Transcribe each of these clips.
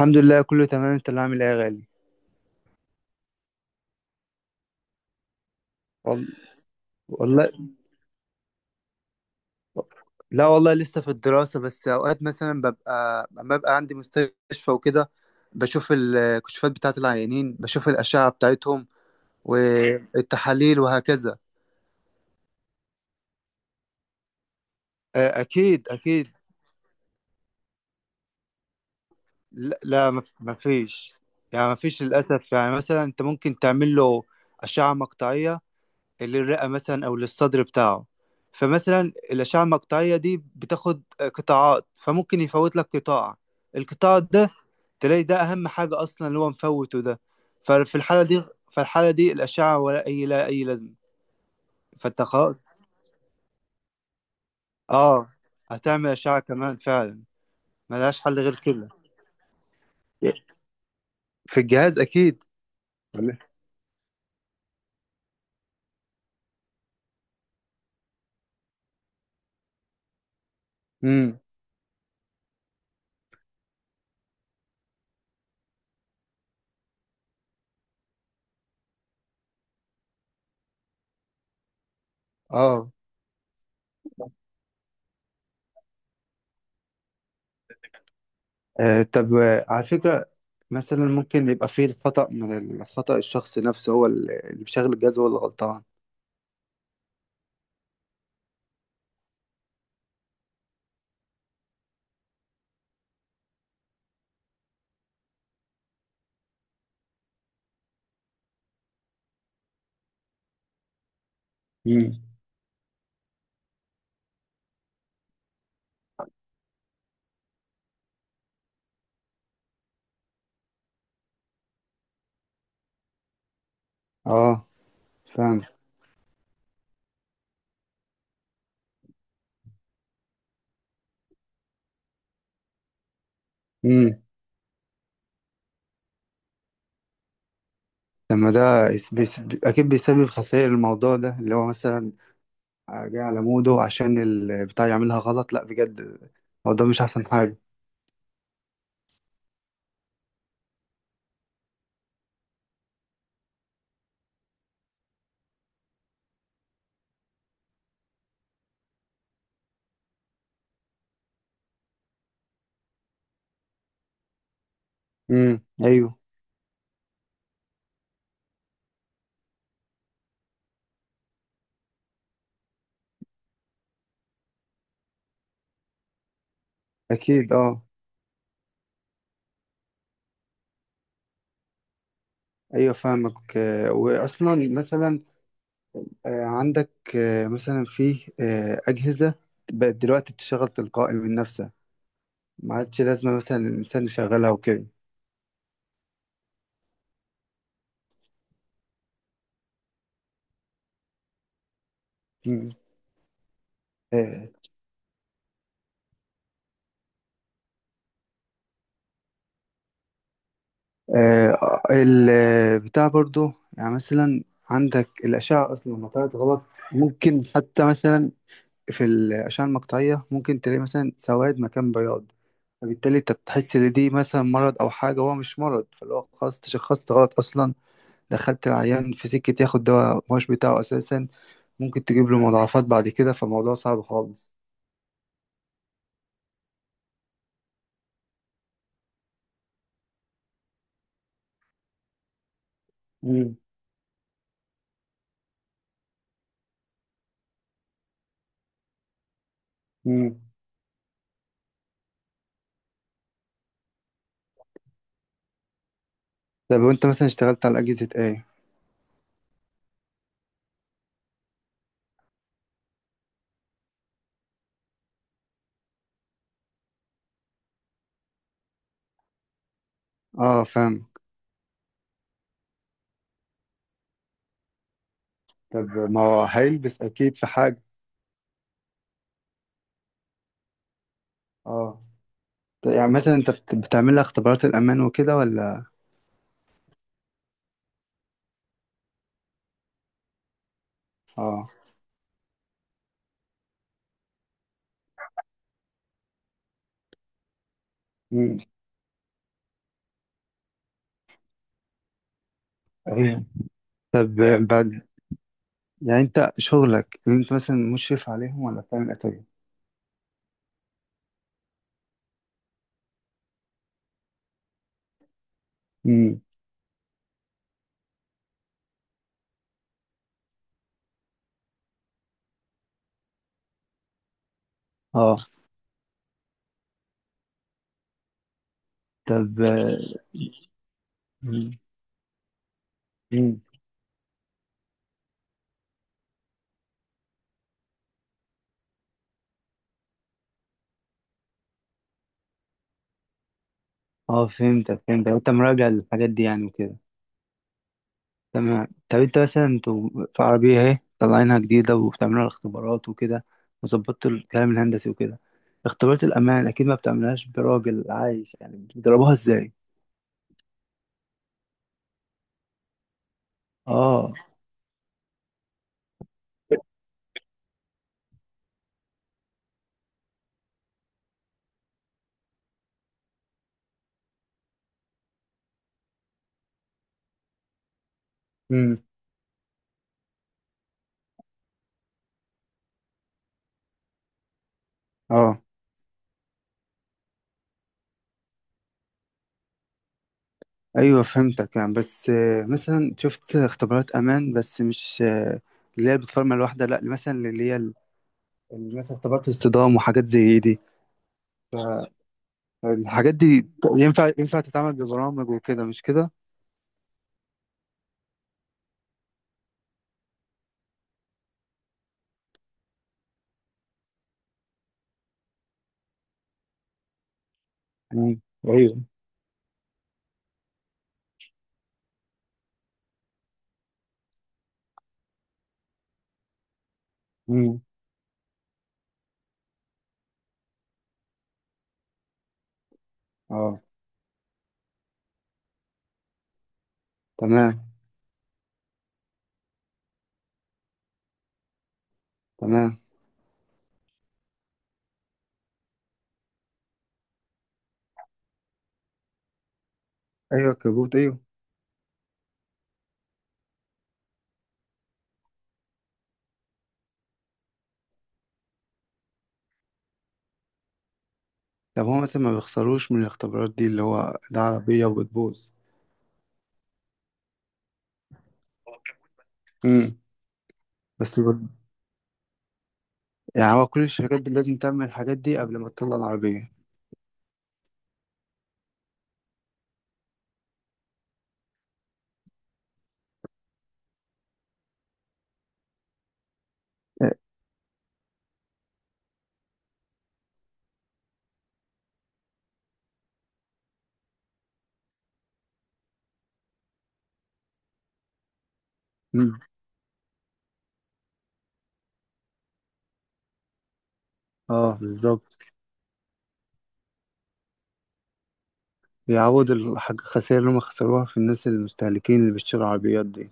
الحمد لله كله تمام، انت اللي عامل ايه يا غالي؟ وال... والله. لا والله لسه في الدراسة، بس اوقات مثلا لما ببقى عندي مستشفى وكده بشوف الكشوفات بتاعت العيانين، بشوف الأشعة بتاعتهم والتحاليل وهكذا. آه، اكيد اكيد. لا لا، مفيش، يعني مفيش للأسف. يعني مثلا انت ممكن تعمل له أشعة مقطعية للرئة مثلا أو للصدر بتاعه. فمثلا الأشعة المقطعية دي بتاخد قطاعات، فممكن يفوت لك القطاع ده تلاقي ده أهم حاجة أصلا اللي هو مفوته ده. ففي الحالة دي فالحالة دي الأشعة ولا أي لا أي لازمة. فأنت خلاص آه هتعمل أشعة كمان فعلا، ملهاش حل غير كده. في الجهاز أكيد، ولا؟ امم اه. طب، على فكرة، مثلا ممكن يبقى فيه الخطأ من الخطأ الشخص نفسه، هو اللي مشغل الجهاز هو اللي غلطان. مم. اه فاهم. امم لما ده يس- بيس... اكيد بيسبب خسائر. الموضوع ده اللي هو مثلا جاي على موده عشان البتاع يعملها غلط، لا بجد هو ده مش احسن حاجة. ايوه اكيد. اه، ايوه فاهمك. واصلا مثلا عندك مثلا في اجهزة بقت دلوقتي بتشتغل تلقائي من نفسها، ما عادش لازمة مثلا الإنسان يشغلها وكده. مم. آه، آه، البتاع برضو، يعني مثلا عندك الأشعة أصلا لما طلعت غلط، ممكن حتى مثلا في الأشعة المقطعية ممكن تلاقي مثلا سواد مكان بياض، فبالتالي أنت بتحس إن دي مثلا مرض أو حاجة، هو مش مرض. فاللي هو خلاص تشخصت غلط أصلا، دخلت العيان في سكة ياخد دواء مش بتاعه أساسا، ممكن تجيب له مضاعفات بعد كده. فالموضوع صعب خالص. مم. مم. طب وأنت مثلا اشتغلت على أجهزة إيه؟ اه فاهم. طب ما هو هيلبس اكيد في حاجة. اه. طب يعني مثلا انت بتعمل لها اختبارات الامان وكده ولا؟ اه. مم. أيوة. طب بعد، يعني انت شغلك اللي انت مثلا مشرف عليهم ولا بتعمل ايه طيب؟ امم. اه. طب. مم. مم. اه فهمتك فهمتك، انت مراجع للحاجات دي يعني وكده. تمام. طب انت مثلا، انتوا في عربية اهي طالعينها جديدة وبتعملوا الاختبارات وكده، وظبطتوا الكلام الهندسي وكده، اختبارات الأمان أكيد ما بتعملهاش براجل عايش يعني، بتضربوها ازاي؟ اه. امم. اه ايوه فهمتك. يعني بس مثلا شفت اختبارات امان بس مش اللي هي بتفرمل الواحده، لا مثلا اللي مثلا اختبارات الصدام وحاجات زي دي. فالحاجات دي ينفع تتعمل ببرامج وكده، مش كده؟ امم. ايوه. امم. اه. تمام تمام. ايوه الكبوت ايوه. طب هو مثلا ما بيخسروش من الاختبارات دي؟ اللي هو ده عربية وبتبوظ. امم. بس بر- يعني هو كل الشركات دي لازم تعمل الحاجات دي قبل ما تطلع العربية. امم. اه بالظبط. بيعوض الحاجة، الخسائر اللي هم خسروها في الناس المستهلكين اللي بيشتروا العربيات دي.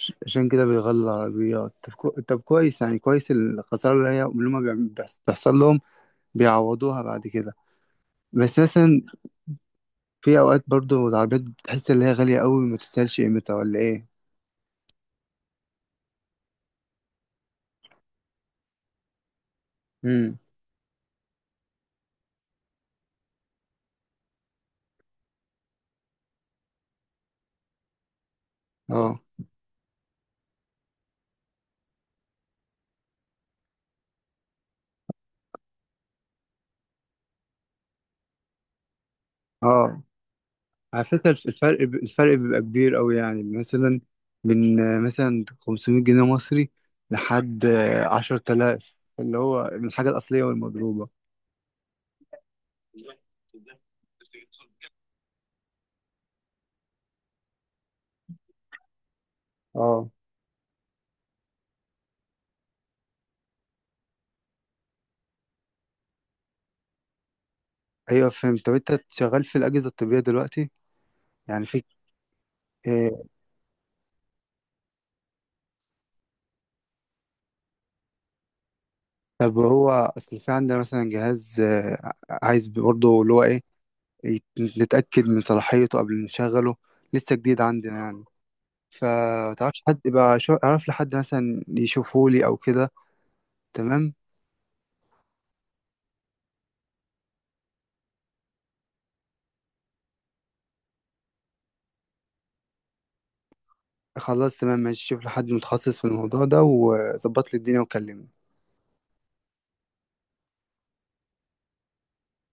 عشان كده بيغلوا العربيات. طب، كويس، يعني كويس. الخسارة اللي هم بتحصل لهم بيعوضوها بعد كده. بس مثلا في أوقات برضو العربيات بتحس إن هي غالية أوي ما تستاهلش قيمتها ولا إيه. امم. اه. اه على فكرة الفرق بيبقى كبير أوي، يعني مثلا من مثلا 500 جنيه مصري لحد 10,000، اللي هو من الحاجة الأصلية والمضروبة. اه أيوة فهمت. طب أنت شغال في الأجهزة الطبية دلوقتي، يعني في؟ آه، طب هو أصل في عندنا مثلا جهاز، عايز برضه اللي هو إيه يت- نتأكد من صلاحيته قبل نشغله، لسه جديد عندنا يعني. فتعرفش حد يبقى أعرف لحد مثلا يشوفه لي أو كده؟ تمام. خلاص تمام ماشي، شوف لحد متخصص في الموضوع ده وظبط لي الدنيا وكلمني.